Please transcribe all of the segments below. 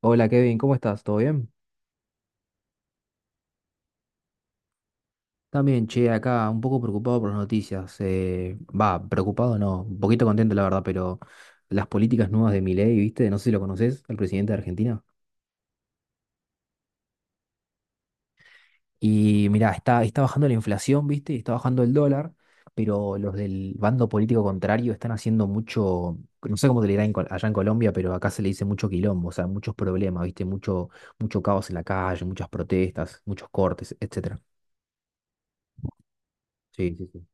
Hola, Kevin, ¿cómo estás? ¿Todo bien? También, che, acá un poco preocupado por las noticias. Va, preocupado no, un poquito contento la verdad, pero las políticas nuevas de Milei, ¿viste? No sé si lo conoces, el presidente de Argentina. Y mirá, está bajando la inflación, ¿viste? Está bajando el dólar, pero los del bando político contrario están haciendo mucho, no sé cómo te le dirán en allá en Colombia, pero acá se le dice mucho quilombo, o sea, muchos problemas, ¿viste? Mucho, mucho caos en la calle, muchas protestas, muchos cortes, etcétera. Sí, sí, sí.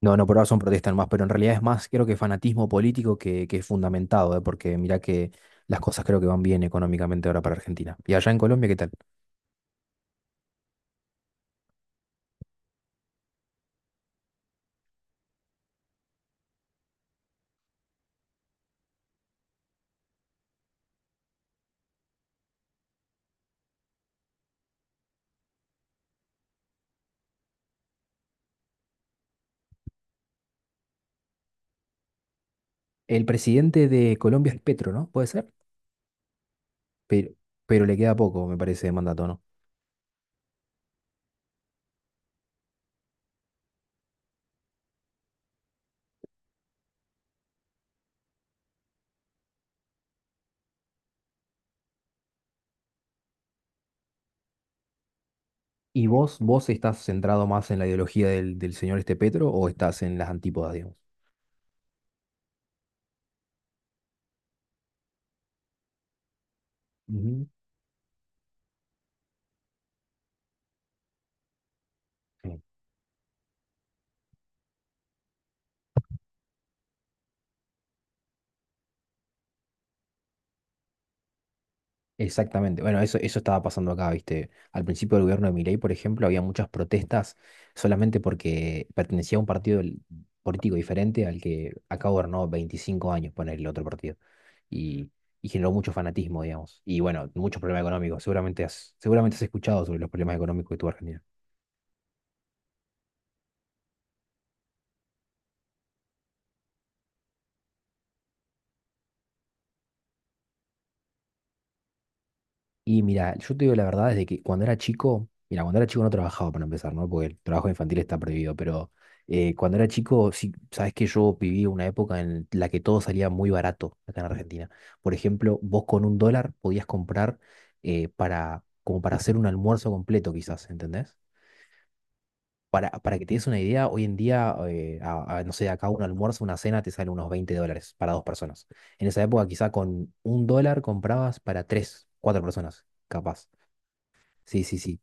No, no, por ahora son protestas nomás, pero en realidad es más, creo que fanatismo político que es fundamentado, ¿eh? Porque mirá que las cosas creo que van bien económicamente ahora para Argentina. Y allá en Colombia, ¿qué tal? El presidente de Colombia es Petro, ¿no? ¿Puede ser? Pero, pero le queda poco, me parece, de mandato, ¿no? ¿Y vos estás centrado más en la ideología del señor este Petro o estás en las antípodas, digamos? Ujú. Exactamente. Bueno, eso estaba pasando acá, ¿viste? Al principio del gobierno de Milei, por ejemplo, había muchas protestas solamente porque pertenecía a un partido político diferente al que acá gobernó 25 años, poner el otro partido. Y, y generó mucho fanatismo, digamos. Y bueno, muchos problemas económicos. Seguramente has escuchado sobre los problemas económicos que tuvo Argentina. Y mira, yo te digo la verdad, desde que cuando era chico, mira, cuando era chico no trabajaba para empezar, ¿no? Porque el trabajo infantil está prohibido, pero cuando era chico, sí, sabes que yo viví una época en la que todo salía muy barato acá en Argentina. Por ejemplo, vos con un dólar podías comprar como para hacer un almuerzo completo, quizás, ¿entendés? Para que te des una idea, hoy en día, no sé, acá un almuerzo, una cena te sale unos 20 dólares para dos personas. En esa época, quizá con un dólar comprabas para tres, cuatro personas, capaz. Sí, sí, sí.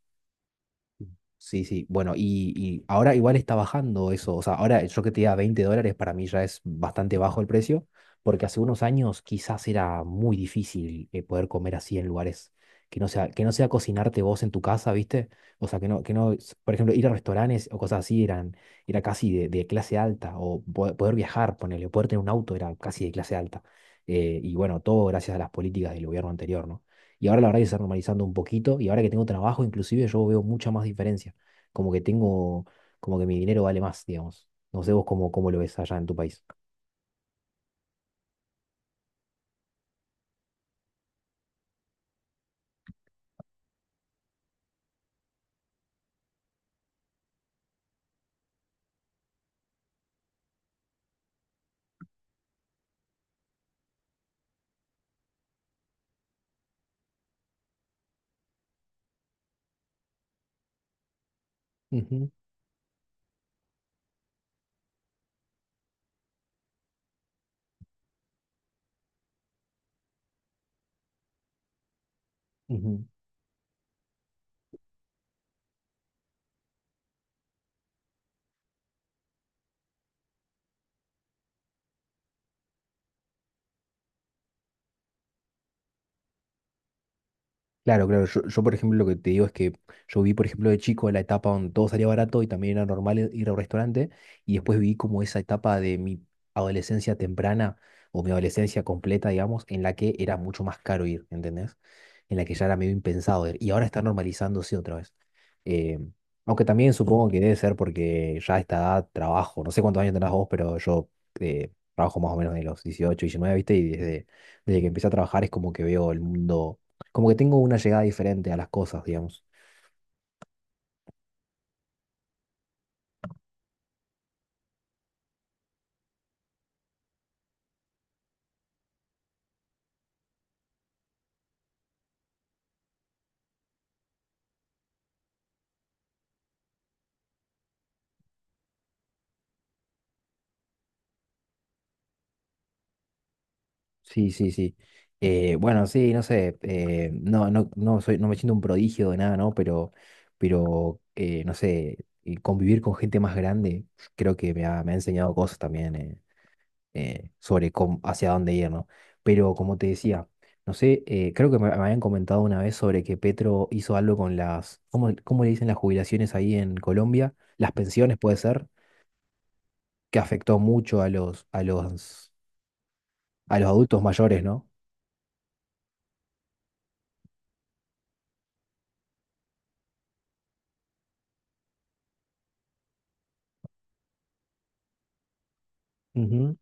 Sí, sí. Bueno, y ahora igual está bajando eso. O sea, ahora yo que te diga 20 dólares para mí ya es bastante bajo el precio, porque hace unos años quizás era muy difícil poder comer así en lugares que no sea cocinarte vos en tu casa, ¿viste? O sea, que no, s- por ejemplo, ir a restaurantes o cosas así eran, era casi de clase alta, o poder viajar, ponerle, poder tener un auto era casi de clase alta. Y bueno, todo gracias a las políticas del gobierno anterior, ¿no? Y ahora la verdad que se está normalizando un poquito y ahora que tengo trabajo inclusive yo veo mucha más diferencia. Como que tengo, como que mi dinero vale más, digamos. No sé vos cómo lo ves allá en tu país. Ujú, ujú. Claro, claro. Por ejemplo, lo que te digo es que yo vi, por ejemplo, de chico la etapa donde todo salía barato y también era normal ir a un restaurante. Y después vi como esa etapa de mi adolescencia temprana o mi adolescencia completa, digamos, en la que era mucho más caro ir, ¿entendés? En la que ya era medio impensado ir. Y ahora está normalizándose otra vez. Eh, aunque también supongo que debe ser porque ya a esta edad trabajo. No sé cuántos años tenés vos, pero yo trabajo más o menos de los 18, 19, ¿viste? Desde que empecé a trabajar es como que veo el mundo como que tengo una llegada diferente a las cosas, digamos. Sí, sí, sí. Bueno, sí, no sé. No soy, no me siento un prodigio de nada, ¿no? Pero no sé, convivir con gente más grande creo que me ha enseñado cosas también sobre hacia dónde ir, ¿no? Pero como te decía, no sé, creo que me habían comentado una vez sobre que Petro hizo algo con las, cómo le dicen las jubilaciones ahí en Colombia? Las pensiones, puede ser, que afectó mucho a los, a los a los adultos mayores, ¿no? Ujú,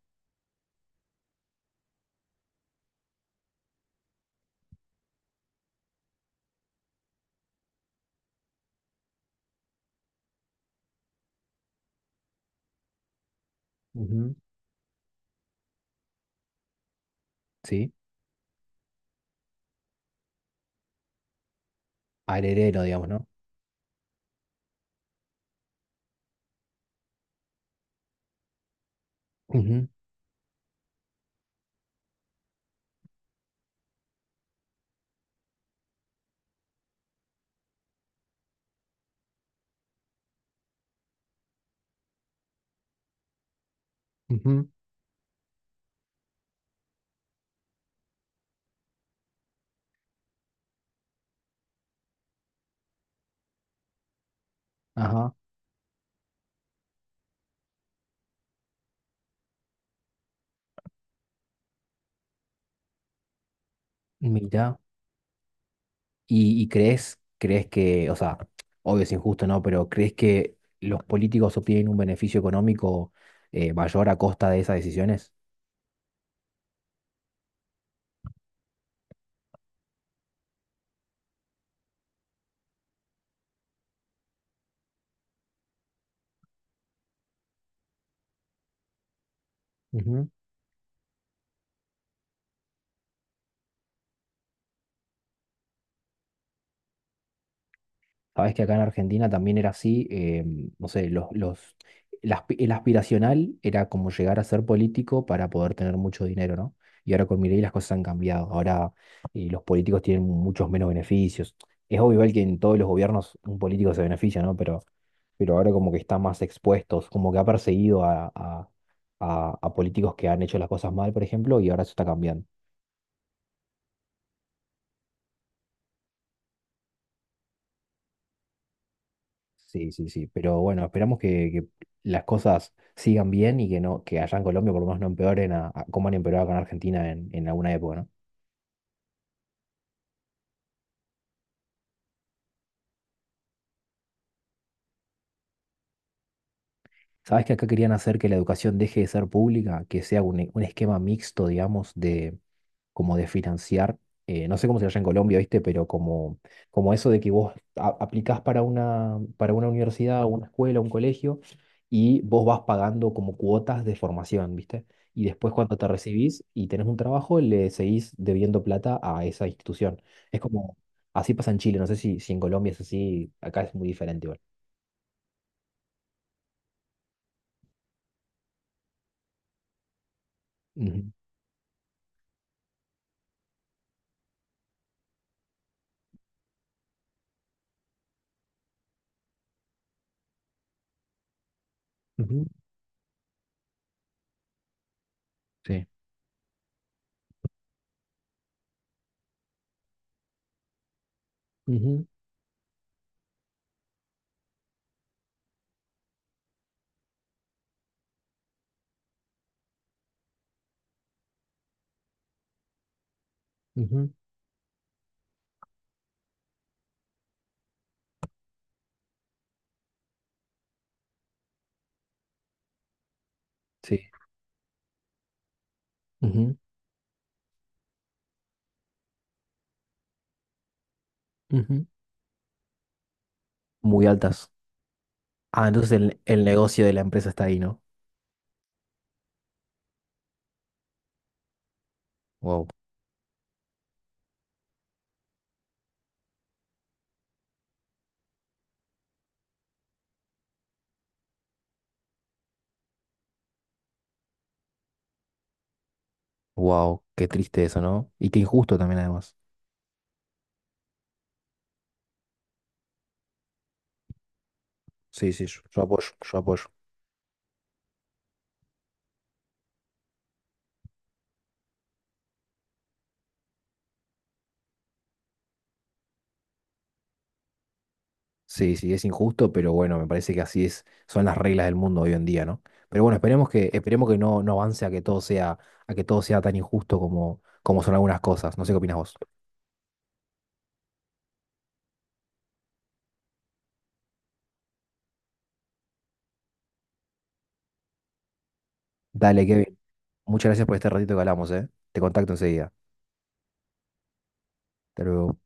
ujú. ¿Sí? Al heredero, digamos, ¿no? Ujú, ujú. Ajá, mira. Y crees, crees que, o sea, obvio es injusto, ¿no? Pero ¿crees que los políticos obtienen un beneficio económico mayor a costa de esas decisiones? Sabes que acá en Argentina también era así, no sé, los, el, aspi- el aspiracional era como llegar a ser político para poder tener mucho dinero, ¿no? Y ahora con Milei las cosas han cambiado. Ahora los políticos tienen muchos menos beneficios. Es obvio igual que en todos los gobiernos un político se beneficia, ¿no? Pero ahora como que están más expuestos, como que ha perseguido a políticos que han hecho las cosas mal, por ejemplo, y ahora eso está cambiando. Sí, sí, sí. Pero bueno, que las cosas sigan bien y que no, que allá en Colombia por lo menos no empeoren como han empeorado acá en Argentina en alguna época, ¿no? ¿Sabes que acá querían hacer que la educación deje de ser pública, que sea un esquema mixto, digamos, como de financiar, no sé cómo se llama en Colombia, ¿viste? Pero como eso de que vos aplicás para para una universidad, una escuela, un colegio, y vos vas pagando como cuotas de formación, ¿viste? Y después cuando te recibís y tenés un trabajo, le seguís debiendo plata a esa institución. Es como, así pasa en Chile, no sé si en Colombia es así, acá es muy diferente igual. Ujú, ujú. Sí. Ujú, ujú. Sí. Ujú, ujú. Muy altas. Ah, entonces el negocio de la empresa está ahí, ¿no? Wow, wow, qué triste eso, ¿no? Y qué injusto también además. Sí, sí, yo apoyo, yo apoyo. Sí, sí, es injusto, pero bueno, me parece que así es, son las reglas del mundo hoy en día, ¿no? Pero bueno, esperemos esperemos que no, no avance a que todo sea, a que todo sea tan injusto como, como son algunas cosas. No sé qué opinas vos. Dale, Kevin. Muchas gracias por este ratito que hablamos, ¿eh? Te contacto enseguida. Hasta luego.